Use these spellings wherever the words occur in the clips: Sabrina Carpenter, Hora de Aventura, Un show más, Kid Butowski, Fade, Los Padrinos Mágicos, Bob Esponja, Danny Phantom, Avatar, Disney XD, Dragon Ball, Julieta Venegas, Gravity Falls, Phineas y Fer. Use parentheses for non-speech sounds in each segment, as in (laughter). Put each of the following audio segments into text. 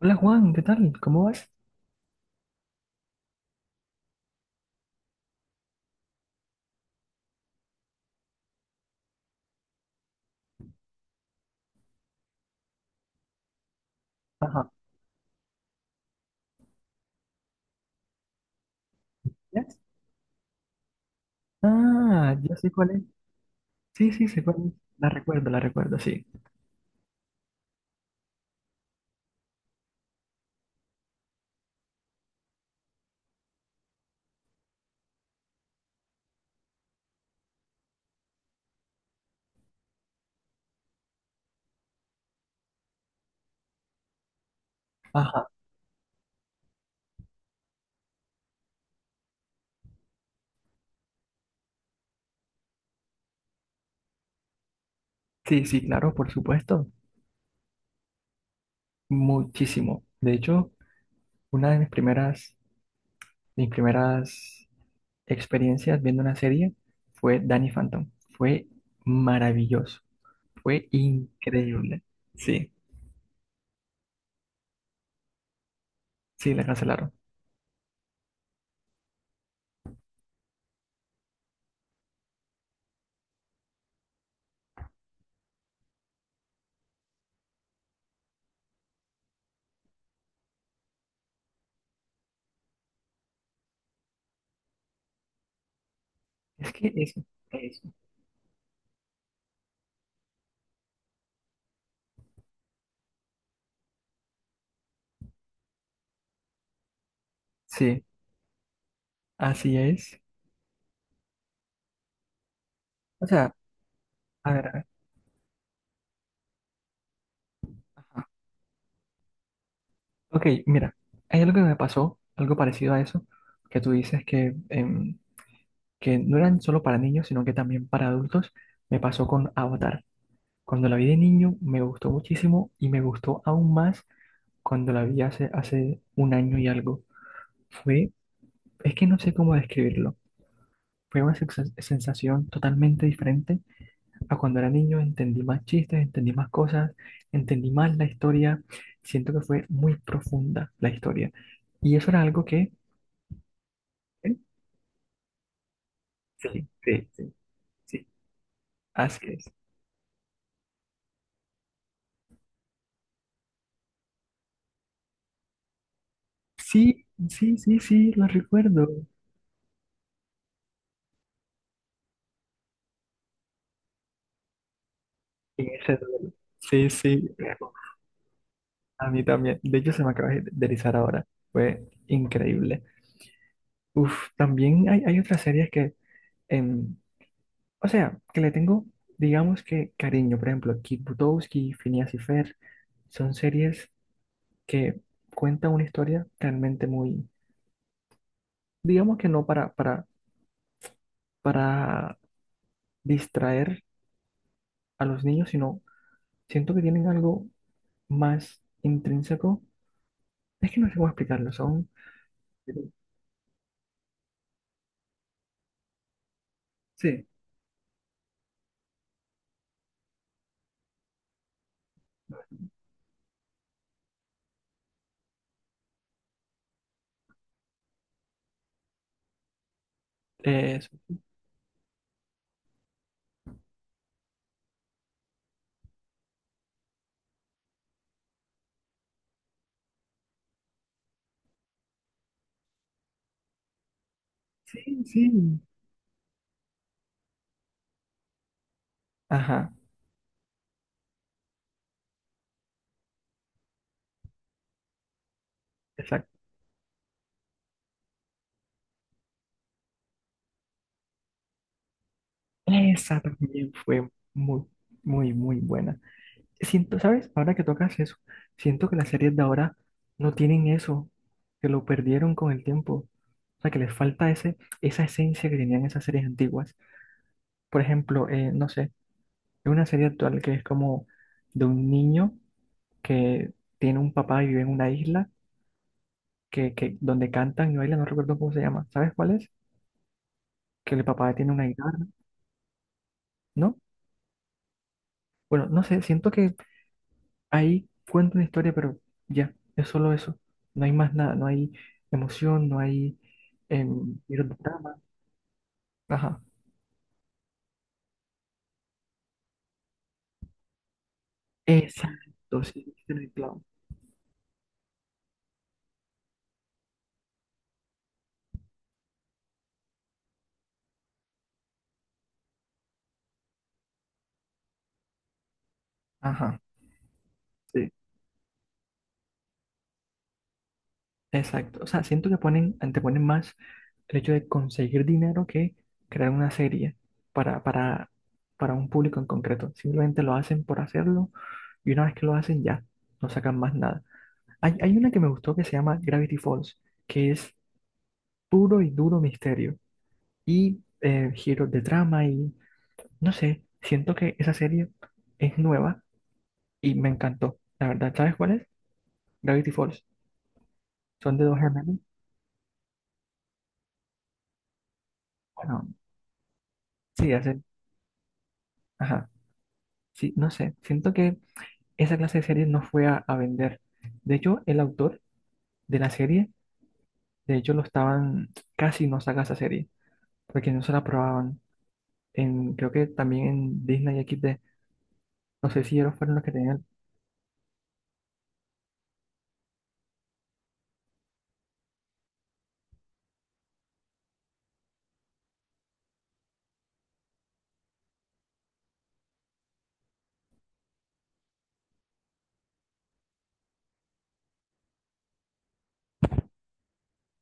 Hola Juan, ¿qué tal? ¿Cómo vas? Ajá. ¿Ya? Ah, ya sé cuál es. Sí, sí, sé cuál es. La recuerdo, sí. Ajá. Sí, sí, claro, por supuesto. Muchísimo. De hecho, una de mis primeras experiencias viendo una serie fue Danny Phantom. Fue maravilloso. Fue increíble. Sí, sí, la cancelaron. Es que eso, eso. Sí, así es. O sea, a ver. Ok, mira, hay algo que me pasó, algo parecido a eso, que tú dices que no eran solo para niños, sino que también para adultos. Me pasó con Avatar. Cuando la vi de niño me gustó muchísimo y me gustó aún más cuando la vi hace un año y algo. Fue, es que no sé cómo describirlo. Fue una sensación totalmente diferente a cuando era niño. Entendí más chistes, entendí más cosas, entendí más la historia. Siento que fue muy profunda la historia. Y eso era algo que... Sí, sí, sí, sí, así es. Sí, sí, sí, sí, lo recuerdo. En ese duelo. Sí, sí, a mí también. De hecho, se me acaba de erizar ahora. Fue increíble. Uf, también hay otras series que, em, o sea, que le tengo, digamos que cariño. Por ejemplo, Kid Butowski, Phineas y Fer, son series que cuentan una historia realmente muy, digamos que no para distraer a los niños, sino siento que tienen algo más intrínseco. Es que no sé cómo explicarlo, son... Sí, eso. Sí, sí. Ajá, exacto. Esa también fue muy, muy, muy buena. Siento, ¿sabes? Ahora que tocas eso, siento que las series de ahora no tienen eso, que lo perdieron con el tiempo. O sea, que les falta esa esencia que tenían esas series antiguas. Por ejemplo, no sé, hay una serie actual que es como de un niño que tiene un papá y vive en una isla que donde cantan y bailan, no recuerdo cómo se llama. ¿Sabes cuál es? Que el papá tiene una guitarra, ¿no? Bueno, no sé, siento que ahí cuenta una historia, pero ya, es solo eso. No hay más nada, no hay emoción, no hay giros de trama. Ajá. Exacto, sí, diste en el clavo. Ajá. Sí. Exacto, o sea, siento que anteponen más el hecho de conseguir dinero que crear una serie para, para, para un público en concreto. Simplemente lo hacen por hacerlo y una vez que lo hacen ya, no sacan más nada. Hay una que me gustó que se llama Gravity Falls, que es puro y duro misterio y giros de trama y no sé, siento que esa serie es nueva y me encantó. La verdad, ¿sabes cuál es? Gravity Falls. Son de dos gemelos. Bueno, sí, hacen... Ajá. Sí, no sé, siento que esa clase de series no fue a vender. De hecho, el autor de la serie, de hecho, lo estaban, casi no saca esa serie, porque no se la probaban. En, creo que también en Disney X XD, no sé si ellos fueron los que tenían.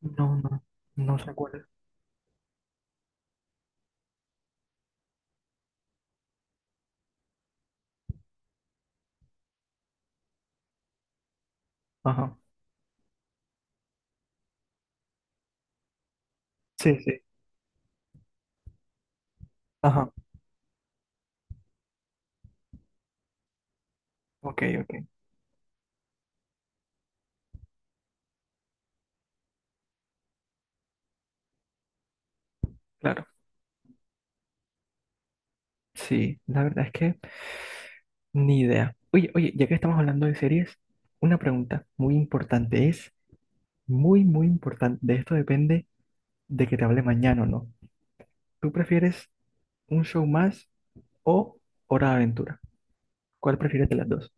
No, no, no se acuerda. Ajá, sí, sí, ajá, ok, ok, claro. Sí, la verdad es que ni idea. Oye, oye, ya que estamos hablando de series, una pregunta muy importante es, muy, muy importante, de esto depende de que te hable mañana o no. ¿Tú prefieres un show más o Hora de Aventura? ¿Cuál prefieres de las dos?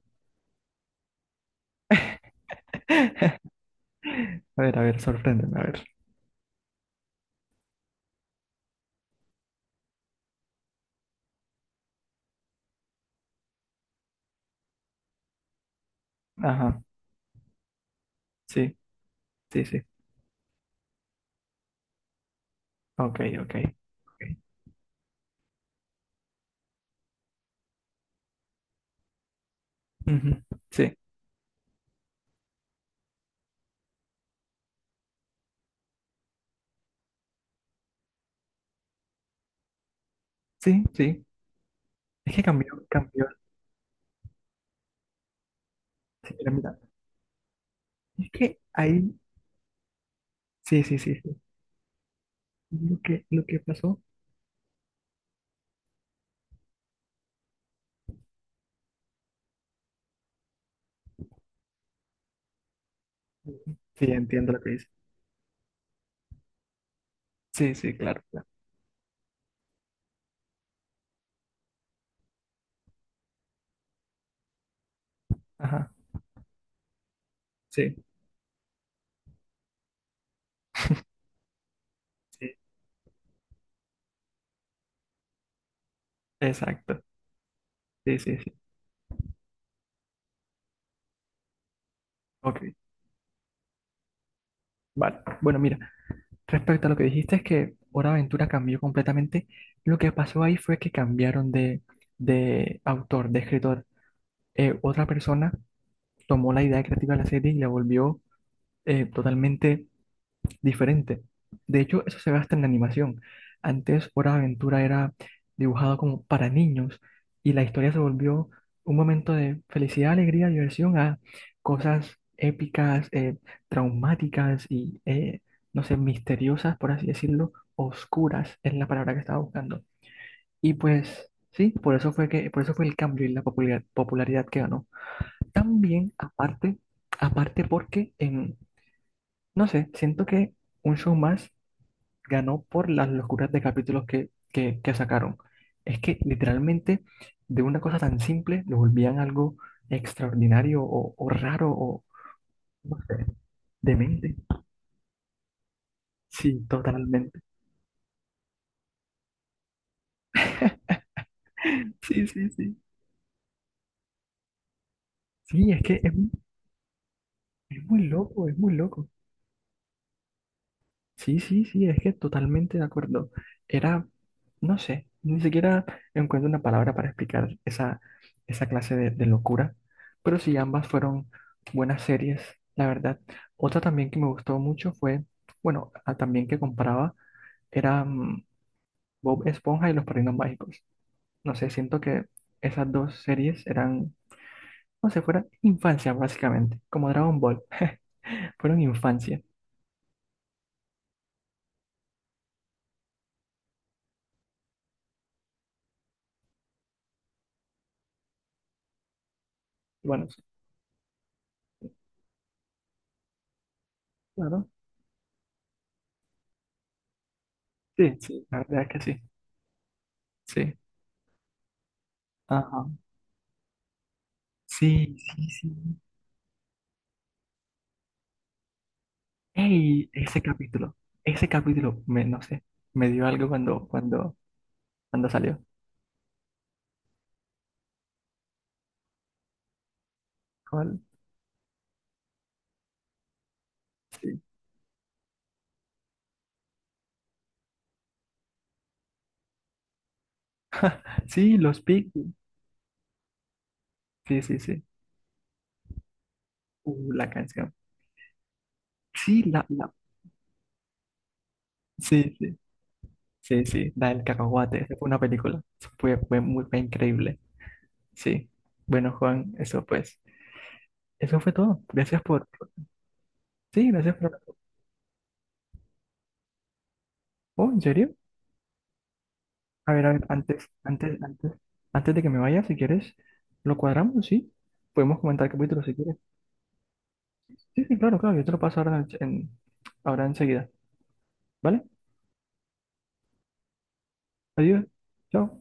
A ver, sorpréndeme, a ver. Ajá, sí, sí, sí. Ok, ok. Ok. Ujú, sí, sí, sí. Es que cambió, cambió. Sí, mira, mira. Es que ahí, sí, sí, sí, sí. Lo que pasó. Ujú. Sí, entiendo lo que dice. Sí, sí, claro, claro. Ajá, sí, sí, exacto. Sí, sí, sí. Ok, vale. Bueno, mira. Respecto a lo que dijiste, es que Hora de Aventura cambió completamente. Lo que pasó ahí fue que cambiaron de autor, de escritor. Otra persona tomó la idea creativa de la serie y la volvió totalmente diferente. De hecho, eso se ve hasta en la animación. Antes, Hora de Aventura era dibujado como para niños y la historia se volvió un momento de felicidad, alegría, diversión a cosas épicas, traumáticas y, no sé, misteriosas, por así decirlo, oscuras es la palabra que estaba buscando. Y pues sí, por eso fue el cambio y la popularidad que ganó. También, aparte porque, no sé, siento que un show más ganó por las locuras de capítulos que sacaron. Es que literalmente de una cosa tan simple lo volvían algo extraordinario o raro o no, demente. Sí, totalmente. Sí, sí, sí. Sí, es que es muy loco, es muy loco. Sí, sí, sí, es que totalmente de acuerdo. Era, no sé, ni siquiera encuentro una palabra para explicar esa clase de locura, pero sí, ambas fueron buenas series, la verdad. Otra también que me gustó mucho bueno, también que comparaba, era Bob Esponja y Los Padrinos Mágicos. No sé, siento que esas dos series eran, no sé, fuera infancia básicamente, como Dragon Ball, (laughs) fueron infancia. Bueno, sí, claro, sí, sí, la verdad es que sí, sí. Ajá. Sí, sí, sí. Ey, ese capítulo, no sé, me dio algo cuando salió. ¿Cuál? Sí. (laughs) Sí, los Picnic. Sí, sí, sí. La canción. Sí, la. Sí, sí. Sí, sí. La del cacahuate. Esa fue una película. Fue increíble. Sí. Bueno, Juan, eso pues. Eso fue todo. Gracias por. Sí, gracias por. Oh, ¿en serio? A ver, antes de que me vaya, si quieres, lo cuadramos, ¿sí? Podemos comentar capítulos, si quieres. Sí, sí, claro, claro, yo te lo paso ahora, ahora enseguida, ¿vale? Adiós, chao.